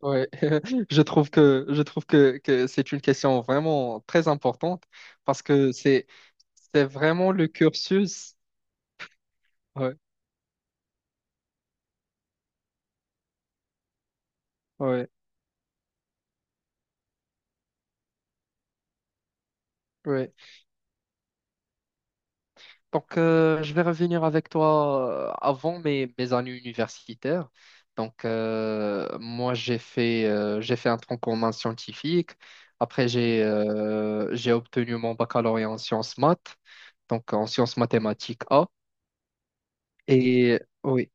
Ouais, je trouve que c'est une question vraiment très importante parce que c'est vraiment le cursus. Ouais, ouais, ouais. Donc, je vais revenir avec toi avant mes années universitaires. Donc, moi j'ai fait un tronc commun scientifique. Après j'ai obtenu mon baccalauréat en sciences maths, donc en sciences mathématiques A. Et oui,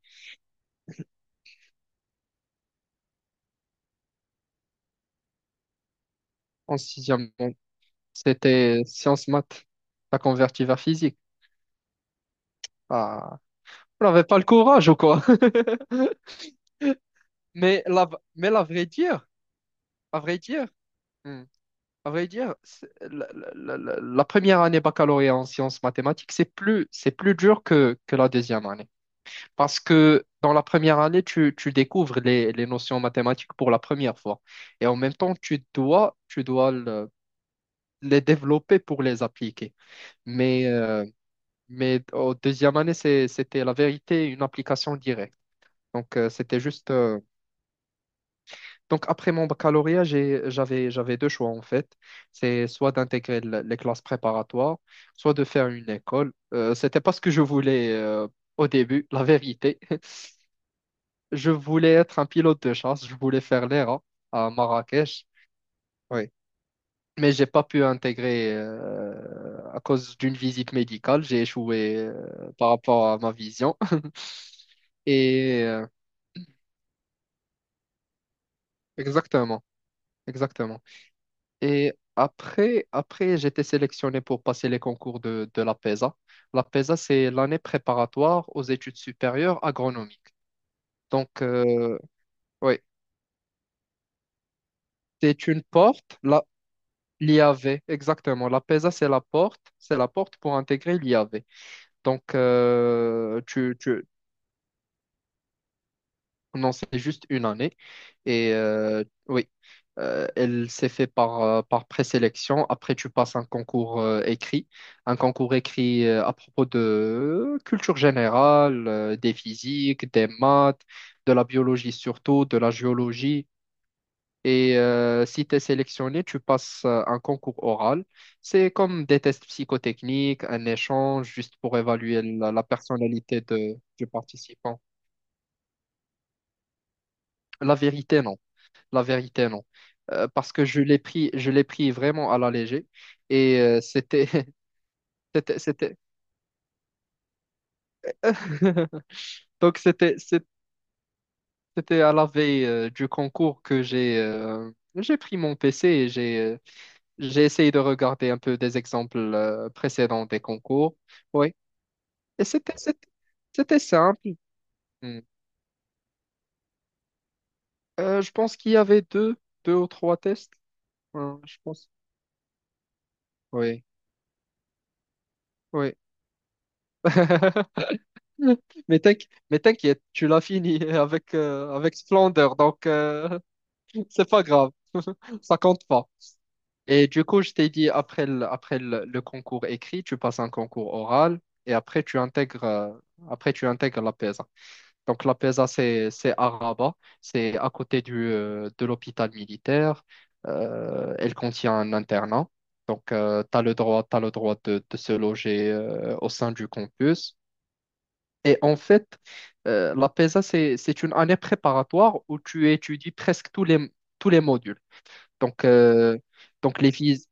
en sixième, c'était sciences maths. T'as converti vers physique. Ah, on n'avait pas le courage ou quoi? Mais la, mais la vraie dire, à vrai dire, hmm, à vrai dire, la première année baccalauréat en sciences mathématiques, c'est plus dur que la deuxième année. Parce que dans la première année, tu découvres les notions mathématiques pour la première fois. Et en même temps, tu dois les développer pour les appliquer. Mais euh, Mais au deuxième année, c'était la vérité, une application directe. Donc, c'était juste. Donc, après mon baccalauréat, j'avais deux choix, en fait. C'est soit d'intégrer les classes préparatoires, soit de faire une école. C'était pas ce que je voulais au début, la vérité. Je voulais être un pilote de chasse, je voulais faire l'ERA à Marrakech. Oui. Mais j'ai pas pu intégrer à cause d'une visite médicale. J'ai échoué par rapport à ma vision. Et euh, Exactement, exactement. Et après j'ai été sélectionné pour passer les concours de la PESA. La PESA, c'est l'année préparatoire aux études supérieures agronomiques. Donc, euh, oui, c'est une porte, l'IAV, exactement. La PESA, c'est la porte pour intégrer l'IAV. Donc, euh, tu, tu, Non, c'est juste une année. Oui, elle s'est fait par présélection. Après, tu passes un concours écrit à propos de culture générale, des physiques, des maths, de la biologie surtout, de la géologie. Si tu es sélectionné, tu passes un concours oral. C'est comme des tests psychotechniques, un échange juste pour évaluer la personnalité du participant. La vérité, non. La vérité, non. Parce que je l'ai pris vraiment à la légère. Et euh, c'était, c'était, c'était. Donc, c'était, c'est- C'était à la veille du concours que j'ai pris mon PC et j'ai essayé de regarder un peu des exemples précédents des concours. Oui. Et c'était simple. Hmm. Je pense qu'il y avait deux ou trois tests. Hein, je pense. Oui. Oui. Mais t'inquiète, tu l'as fini avec, avec splendeur, c'est pas grave, ça compte pas. Et du coup, je t'ai dit, après le concours écrit, tu passes un concours oral et après tu intègres la PESA. Donc la PESA, c'est à Rabat, c'est à côté de l'hôpital militaire. Elle contient un internat. Donc, tu as le droit, t'as le droit de se loger au sein du campus. Et en fait, la PESA, c'est une année préparatoire où tu étudies presque tous les modules. Donc, euh, donc les vies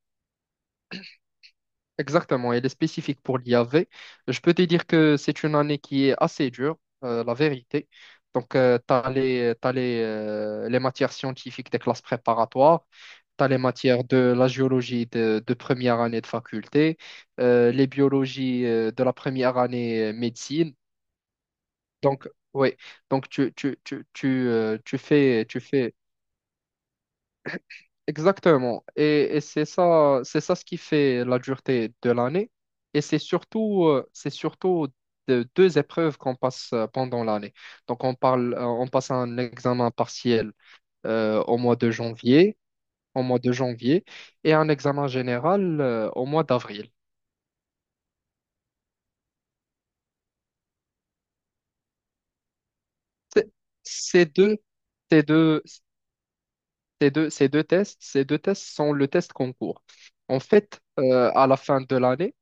Exactement, elle est spécifique pour l'IAV. Je peux te dire que c'est une année qui est assez dure, la vérité. Donc, t'as les les matières scientifiques des classes préparatoires, tu as les matières de la géologie de première année de faculté, les biologies de la première année médecine. Donc, oui, donc tu, tu fais exactement. Et c'est ça ce qui fait la dureté de l'année. Et c'est surtout deux épreuves qu'on passe pendant l'année. Donc, on passe un examen partiel au mois de janvier, au mois de janvier, et un examen général au mois d'avril. C'est- Ces deux, ces deux, ces deux tests sont le test concours. En fait, à la fin de l'année,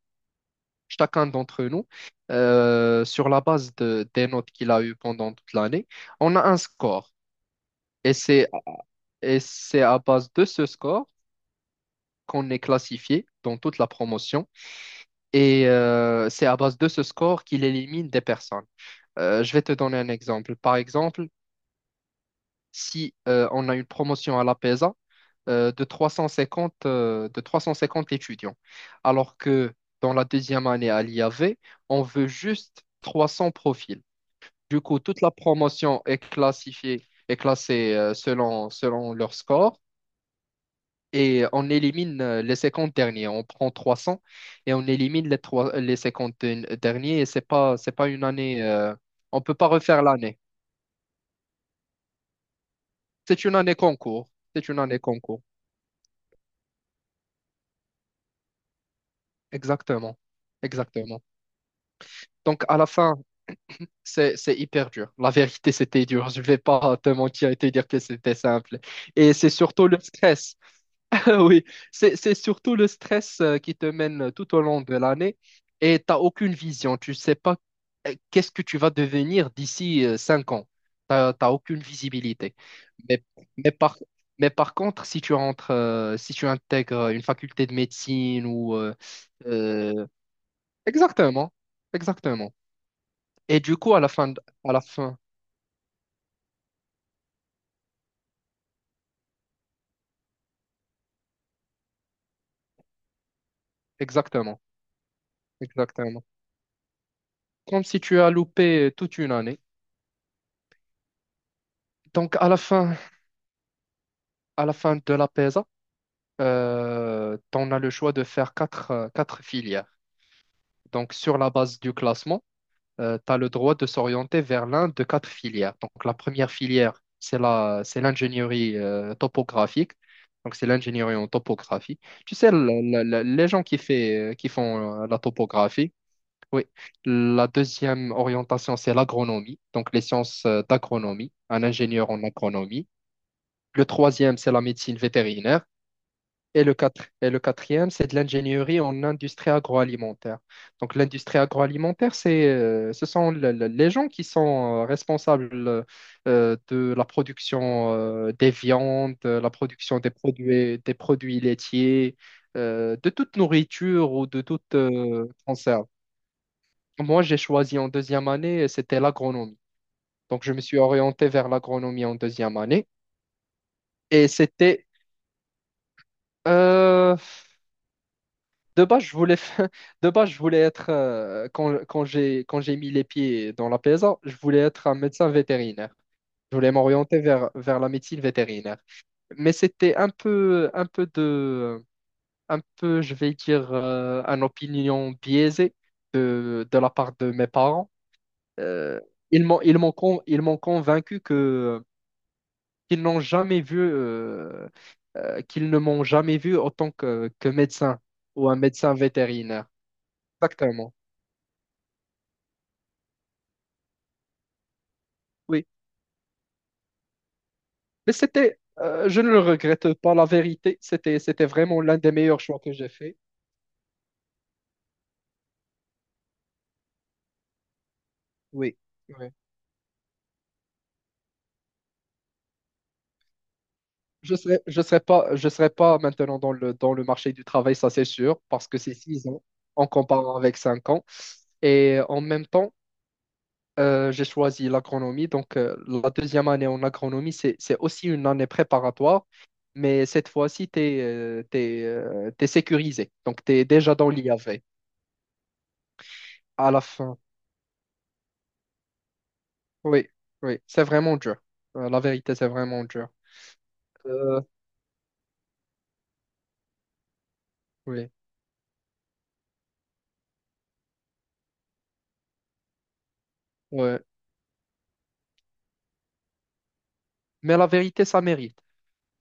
chacun d'entre nous, sur la base des notes qu'il a eues pendant toute l'année, on a un score. Et c'est, et c'est à base de ce score qu'on est classifié dans toute la promotion. C'est à base de ce score qu'il élimine des personnes. Je vais te donner un exemple. Par exemple, si on a une promotion à la PESA, de 350, de 350 étudiants. Alors que dans la deuxième année à l'IAV, on veut juste 300 profils. Du coup, toute la promotion est classée selon leur score, et on élimine les 50 derniers. On prend 300 et on élimine les cinquante derniers et c'est pas une année, on peut pas refaire l'année. C'est une année concours. C'est une année concours. Exactement. Exactement. Donc, à la fin, c'est hyper dur. La vérité, c'était dur. Je vais pas te mentir et te dire que c'était simple. Et c'est surtout le stress. Oui, c'est surtout le stress qui te mène tout au long de l'année et t'as aucune vision. Tu sais pas qu'est-ce que tu vas devenir d'ici 5 ans. T'as aucune visibilité. Mais, mais par, mais par contre, si tu intègres une faculté de médecine. Euh, Exactement, exactement. Et du coup, à la fin, Exactement, exactement. Comme si tu as loupé toute une année. Donc à la fin de la PESA, tu as le choix de faire quatre filières. Donc sur la base du classement, tu as le droit de s'orienter vers l'un de quatre filières. Donc la première filière, c'est l'ingénierie topographique. Donc c'est l'ingénierie en topographie. Tu sais, les gens qui font la topographie. Oui, la deuxième orientation, c'est l'agronomie, donc les sciences d'agronomie, un ingénieur en agronomie. Le troisième, c'est la médecine vétérinaire. Et le quatrième, c'est de l'ingénierie en industrie agroalimentaire. Donc l'industrie agroalimentaire, ce sont les gens qui sont responsables de la production des viandes, de la production des produits laitiers, de toute nourriture ou de toute conserve. Moi, j'ai choisi en deuxième année, c'était l'agronomie. Donc, je me suis orienté vers l'agronomie en deuxième année. Et c'était, euh, de base, je voulais, fa- De base, quand j'ai mis les pieds dans la PSA, je voulais être un médecin vétérinaire. Je voulais m'orienter vers la médecine vétérinaire. Mais c'était un peu, je vais dire, une opinion biaisée de la part de mes parents. Euh, ils m'ont convaincu que qu'ils n'ont jamais vu, qu'ils ne m'ont jamais vu en tant que médecin ou un médecin vétérinaire. Exactement. Oui. Mais je ne le regrette pas, la vérité. C'était vraiment l'un des meilleurs choix que j'ai fait. Oui. Oui. Je serais pas maintenant dans le marché du travail, ça c'est sûr, parce que c'est 6 ans en comparant avec 5 ans. Et en même temps, j'ai choisi l'agronomie. Donc, la deuxième année en agronomie, c'est aussi une année préparatoire, mais cette fois-ci, tu es sécurisé. Donc, tu es déjà dans l'IAV à la fin. Oui, oui, c'est vraiment dur. La vérité, c'est vraiment dur. Euh, oui, ouais. Mais la vérité, ça mérite.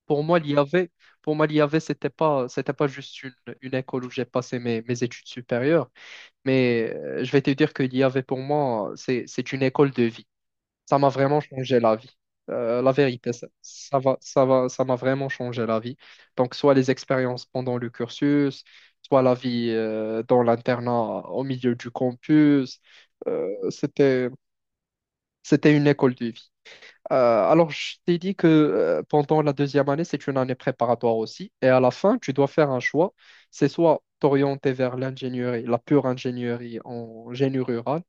Pour moi, l'IAV, pour moi, l'IAV, c'était pas juste une école où j'ai passé mes études supérieures, mais je vais te dire que l'IAV, pour moi, c'est une école de vie. Ça m'a vraiment changé la vie. La vérité, ça m'a vraiment changé la vie. Donc, soit les expériences pendant le cursus, soit la vie dans l'internat au milieu du campus. Euh, c'était, c'était une école de vie. Euh, alors, je t'ai dit que pendant la deuxième année, c'est une année préparatoire aussi. Et à la fin, tu dois faire un choix. C'est soit t'orienter vers l'ingénierie, la pure ingénierie en génie rural,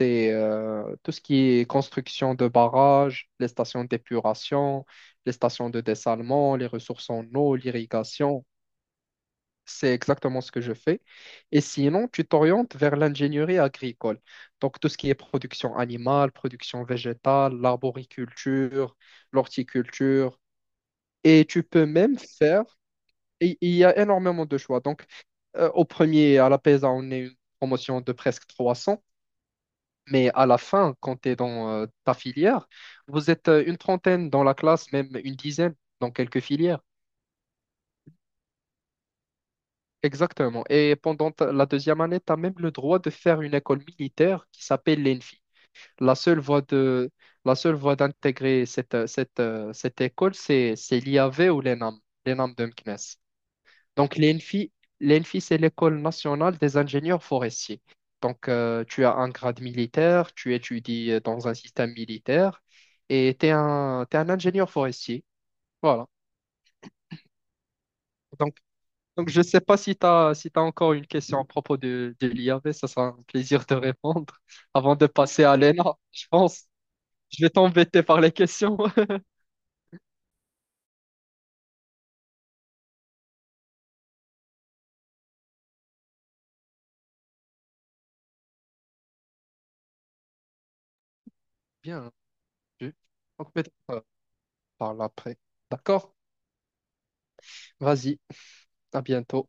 c'est tout ce qui est construction de barrages, les stations d'épuration, les stations de dessalement, les ressources en eau, l'irrigation. C'est exactement ce que je fais. Et sinon, tu t'orientes vers l'ingénierie agricole. Donc, tout ce qui est production animale, production végétale, l'arboriculture, l'horticulture. Et tu peux même faire, Et il y a énormément de choix. Donc, à la PESA, on est une promotion de presque 300. Mais à la fin, quand tu es dans ta filière, vous êtes une trentaine dans la classe, même une dizaine dans quelques filières. Exactement. Et pendant la deuxième année, tu as même le droit de faire une école militaire qui s'appelle l'ENFI. La seule voie de, la seule voie d'intégrer cette école, c'est l'IAV ou l'ENAM, l'ENAM de Meknes. Donc, l'ENFI, c'est l'École nationale des ingénieurs forestiers. Donc, tu as un grade militaire, tu étudies dans un système militaire et t'es un ingénieur forestier. Voilà. Donc, donc, je ne sais pas si si tu encore une question à propos de l'IAV, ça sera un plaisir de répondre avant de passer à l'ENA, je pense. Je vais t'embêter par les questions. Bien, je- donc peut-être par après. D'accord? Vas-y, à bientôt.